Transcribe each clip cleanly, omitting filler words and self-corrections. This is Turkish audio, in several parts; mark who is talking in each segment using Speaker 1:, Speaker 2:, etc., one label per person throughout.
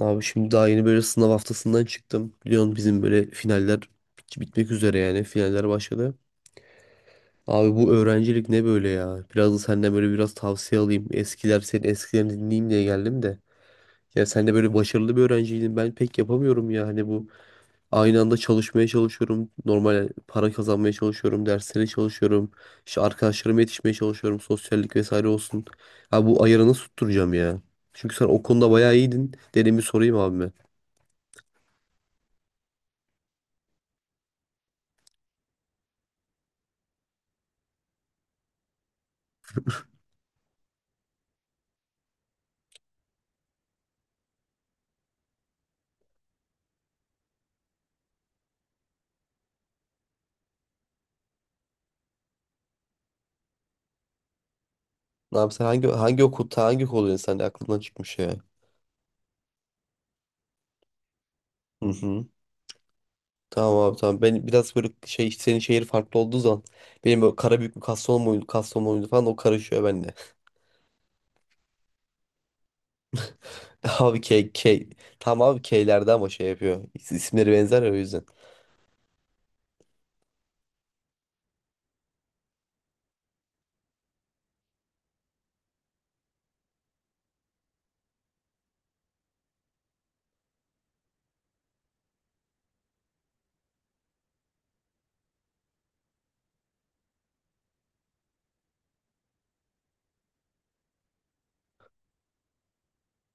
Speaker 1: Abi şimdi daha yeni böyle sınav haftasından çıktım. Biliyorsun bizim böyle finaller bitmek üzere, yani finaller başladı. Abi bu öğrencilik ne böyle ya? Biraz da senden böyle biraz tavsiye alayım. Eskiler, senin eskilerini dinleyeyim diye geldim de. Ya sen de böyle başarılı bir öğrenciydin. Ben pek yapamıyorum ya. Hani bu aynı anda çalışmaya çalışıyorum. Normal para kazanmaya çalışıyorum. Derslere çalışıyorum. İşte arkadaşlarıma yetişmeye çalışıyorum. Sosyallik vesaire olsun. Abi bu ayarı nasıl tutturacağım ya? Çünkü sen o konuda bayağı iyiydin. Dedim bir sorayım abi. Abi sen hangi okul, ta hangi okul, insan sen aklından çıkmış ya. Hı hı. Tamam abi, tamam. Ben biraz böyle şey, senin şehir farklı olduğu zaman benim böyle Karabük mü, Kastamonu muydu falan, o karışıyor bende. Abi K, tamam abi. K'lerde ama şey yapıyor. İsimleri benzer ya, o yüzden.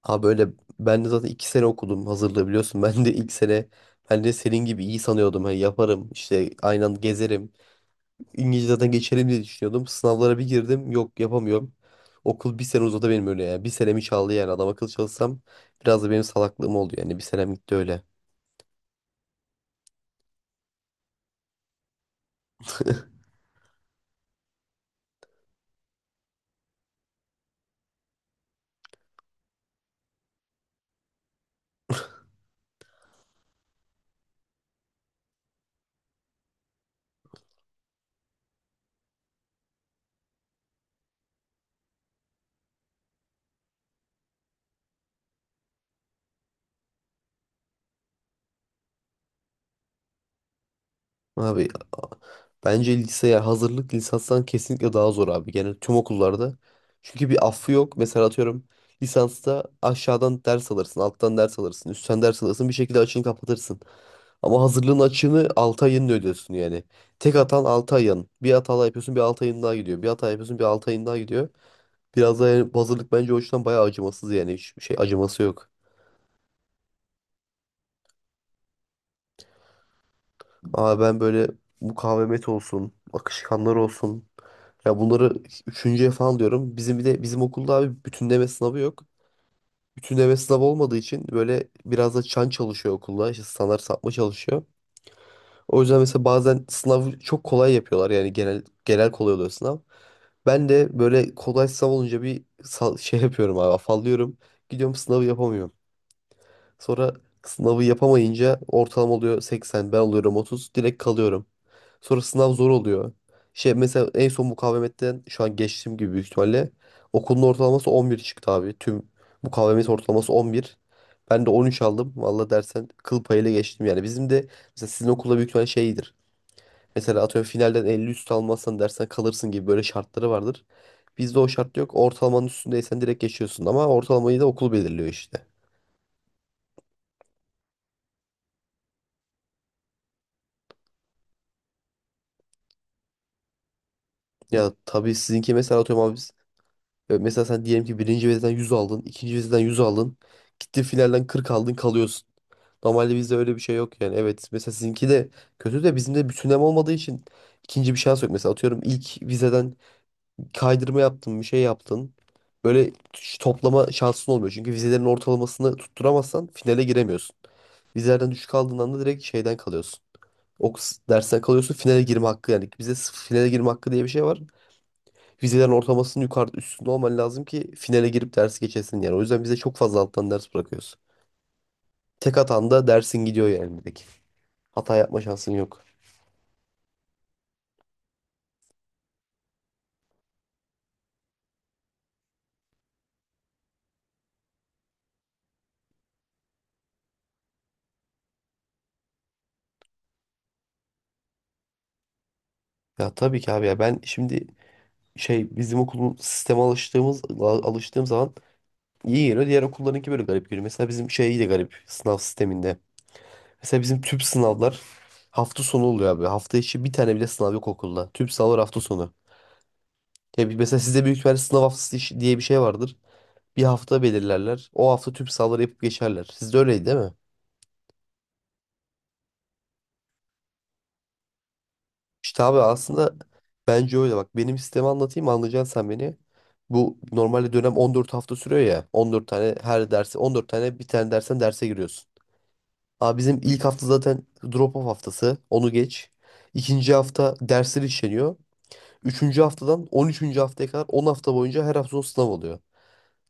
Speaker 1: Abi böyle, ben de zaten 2 sene okudum hazırlığı biliyorsun. Ben de ilk sene, ben de senin gibi iyi sanıyordum. Hani yaparım işte aynı anda gezerim. İngilizce zaten geçelim diye düşünüyordum. Sınavlara bir girdim. Yok, yapamıyorum. Okul bir sene uzadı benim öyle ya. Bir senemi çaldı yani. Adam akıl çalışsam, biraz da benim salaklığım oldu yani. Bir senem gitti öyle. Abi bence liseye hazırlık lisanstan kesinlikle daha zor abi. Genel tüm okullarda. Çünkü bir affı yok. Mesela atıyorum, lisansta aşağıdan ders alırsın, alttan ders alırsın, üstten ders alırsın, bir şekilde açığını kapatırsın. Ama hazırlığın açığını 6 ayını ödüyorsun yani. Tek atan 6 ayın. Bir hata yapıyorsun, bir 6 ayın daha gidiyor. Bir hata yapıyorsun, bir 6 ayın daha gidiyor. Biraz da yani bu hazırlık bence o yüzden bayağı acımasız yani. Hiçbir şey acıması yok. Abi ben böyle mukavemet olsun, akışkanlar olsun. Ya bunları üçüncüye falan diyorum. Bizim, bir de bizim okulda abi bütünleme sınavı yok. Bütünleme sınavı olmadığı için böyle biraz da çan çalışıyor okulda. İşte standart sapma çalışıyor. O yüzden mesela bazen sınavı çok kolay yapıyorlar. Yani genel kolay oluyor sınav. Ben de böyle kolay sınav olunca bir şey yapıyorum abi, afallıyorum. Gidiyorum, sınavı yapamıyorum. Sonra sınavı yapamayınca ortalama oluyor 80, ben oluyorum 30, direkt kalıyorum. Sonra sınav zor oluyor. Şey, mesela en son mukavemetten şu an geçtiğim gibi büyük ihtimalle okulun ortalaması 11 çıktı abi. Tüm mukavemet ortalaması 11. Ben de 13 aldım. Valla dersen kıl payıyla geçtim yani. Bizim de mesela sizin okulda büyük ihtimalle şeydir. Mesela atıyorum finalden 50 üstü almazsan dersen kalırsın gibi böyle şartları vardır. Bizde o şart yok. Ortalamanın üstündeysen direkt geçiyorsun, ama ortalamayı da okul belirliyor işte. Ya tabii sizinki, mesela atıyorum abi, mesela sen diyelim ki birinci vizeden 100 aldın, ikinci vizeden 100 aldın. Gittin finalden 40 aldın, kalıyorsun. Normalde bizde öyle bir şey yok yani. Evet mesela sizinki de kötü, de bizim de bütünleme olmadığı için ikinci bir şans yok. Mesela atıyorum ilk vizeden kaydırma yaptın, bir şey yaptın. Böyle toplama şansın olmuyor. Çünkü vizelerin ortalamasını tutturamazsan finale giremiyorsun. Vizelerden düşük aldığın anda direkt şeyden kalıyorsun. Dersten kalıyorsun, finale girme hakkı yani. Bizde finale girme hakkı diye bir şey var. Vizelerin ortalamasının yukarı üstünde olman lazım ki finale girip dersi geçesin yani. O yüzden bize çok fazla alttan ders bırakıyorsun. Tek hatan da dersin gidiyor yani. Bir hata yapma şansın yok. Ya tabii ki abi, ya ben şimdi şey, bizim okulun sisteme alıştığımız alıştığım zaman iyi geliyor. Diğer okullarınki böyle garip geliyor. Mesela bizim şey de garip sınav sisteminde. Mesela bizim tüp sınavlar hafta sonu oluyor abi. Hafta içi bir tane bile sınav yok okulda. Tüp sınavlar hafta sonu. Ya mesela sizde büyük ihtimalle sınav haftası diye bir şey vardır. Bir hafta belirlerler. O hafta tüm sahaları yapıp geçerler. Sizde öyleydi değil mi? İşte abi aslında bence öyle. Bak benim sistemi anlatayım, anlayacaksın sen beni. Bu normalde dönem 14 hafta sürüyor ya. 14 tane her dersi, 14 tane bir tane dersen derse giriyorsun. Abi bizim ilk hafta zaten drop off haftası. Onu geç. İkinci hafta dersler işleniyor. Üçüncü haftadan 13. haftaya kadar 10 hafta boyunca her hafta son sınav oluyor.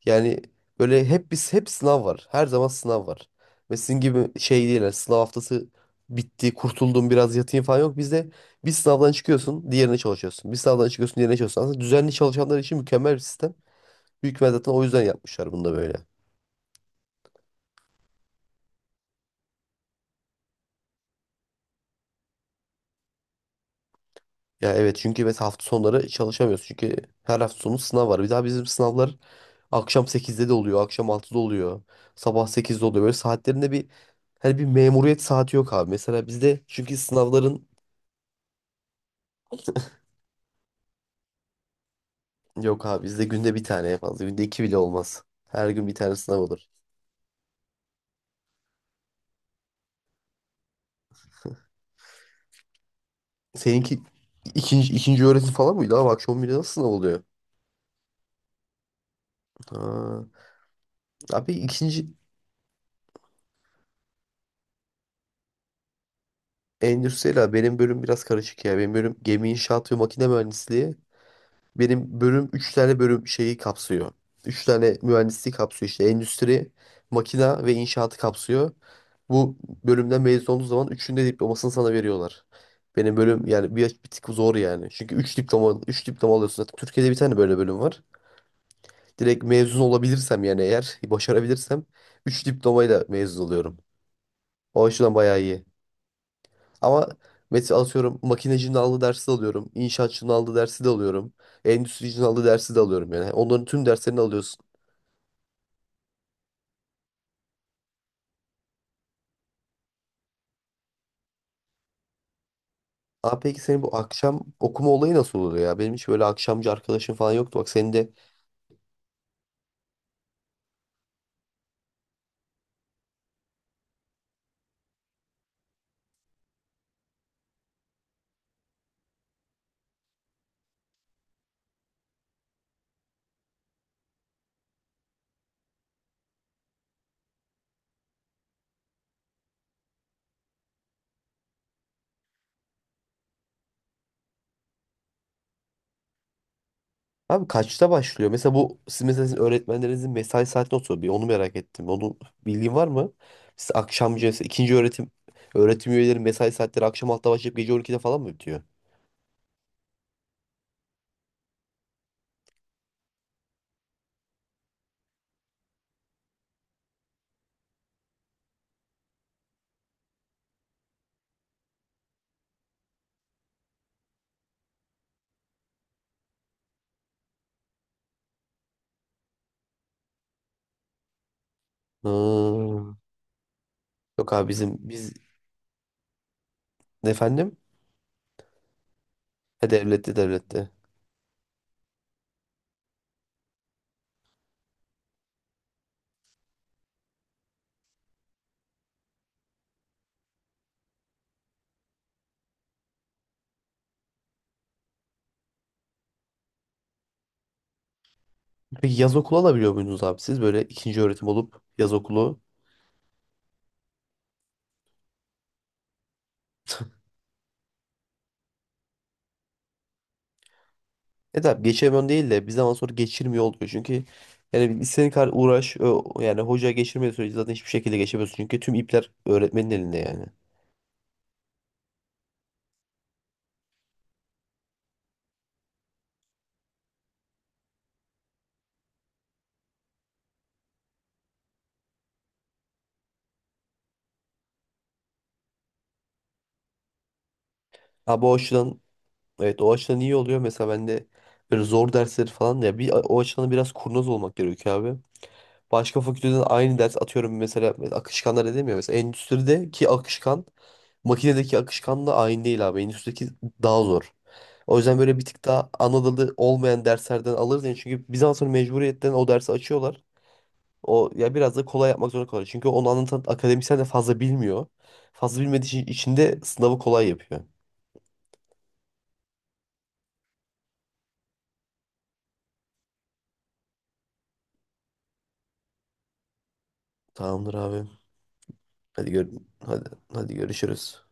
Speaker 1: Yani böyle hep biz hep sınav var. Her zaman sınav var. Ve sizin gibi şey değil. Yani sınav haftası bitti, kurtuldum, biraz yatayım falan yok. Bizde bir sınavdan çıkıyorsun, diğerine çalışıyorsun. Bir sınavdan çıkıyorsun, diğerine çalışıyorsun. Aslında düzenli çalışanlar için mükemmel bir sistem. Büyük ihtimal zaten o yüzden yapmışlar bunu da böyle. Ya evet, çünkü mesela hafta sonları çalışamıyorsun. Çünkü her hafta sonu sınav var. Bir daha bizim sınavlar akşam 8'de de oluyor, akşam 6'da oluyor, sabah 8'de oluyor. Böyle saatlerinde bir, hani bir memuriyet saati yok abi. Mesela bizde çünkü sınavların... Yok abi, bizde günde bir tane en fazla. Günde iki bile olmaz. Her gün bir tane sınav olur. Seninki ikinci öğretim falan mıydı abi? Akşam bile nasıl sınav oluyor? Ha. Abi, ikinci, endüstriyel abi. Benim bölüm biraz karışık ya. Benim bölüm gemi inşaat ve makine mühendisliği. Benim bölüm 3 tane bölüm şeyi kapsıyor. Üç tane mühendisliği kapsıyor işte. Endüstri, makina ve inşaatı kapsıyor. Bu bölümden mezun olduğu zaman üçünde diplomasını sana veriyorlar. Benim bölüm yani bir, bir tık zor yani. Çünkü 3 diploma 3 diploma alıyorsun zaten. Türkiye'de bir tane böyle bölüm var. Direkt mezun olabilirsem yani eğer başarabilirsem 3 diplomayla mezun oluyorum. O açıdan bayağı iyi. Ama mesela atıyorum makinecinin aldığı dersi de alıyorum. İnşaatçının aldığı dersi de alıyorum. Endüstricinin aldığı dersi de alıyorum yani. Onların tüm derslerini alıyorsun. Abi peki, senin bu akşam okuma olayı nasıl oluyor ya? Benim hiç böyle akşamcı arkadaşım falan yoktu. Bak senin de abi kaçta başlıyor? Mesela bu siz, mesela sizin öğretmenlerinizin mesai saati nasıl oluyor? Bir, onu merak ettim. Onun bilgin var mı? Siz akşamcı, mesela ikinci öğretim öğretim üyeleri mesai saatleri akşam altta başlayıp gece 12'de falan mı bitiyor? Ha. Yok abi, bizim biz efendim? Ha, devlette, devlette. Peki yaz okulu alabiliyor muydunuz abi siz? Böyle ikinci öğretim olup yaz okulu. E tabi geçemiyorsun değil de bir zaman sonra geçirmiyor oluyor. Çünkü yani istediğin kadar uğraş yani hoca geçirmediği sürece zaten hiçbir şekilde geçemiyorsun. Çünkü tüm ipler öğretmenin elinde yani. Abi o açıdan, evet, o açıdan iyi oluyor. Mesela ben de böyle zor dersleri falan, ya bir, o açıdan biraz kurnaz olmak gerekiyor abi. Başka fakülteden aynı ders atıyorum, mesela akışkanlar edemiyor. Mesela endüstrideki akışkan makinedeki akışkanla aynı değil abi. Endüstrideki daha zor. O yüzden böyle bir tık daha Anadolu olmayan derslerden alırız. Yani çünkü Bizans'ın mecburiyetten o dersi açıyorlar. O ya biraz da kolay yapmak zorunda kalıyor. Çünkü onu anlatan akademisyen de fazla bilmiyor. Fazla bilmediği için içinde sınavı kolay yapıyor. Tamamdır abi. Hadi gör Hadi hadi görüşürüz.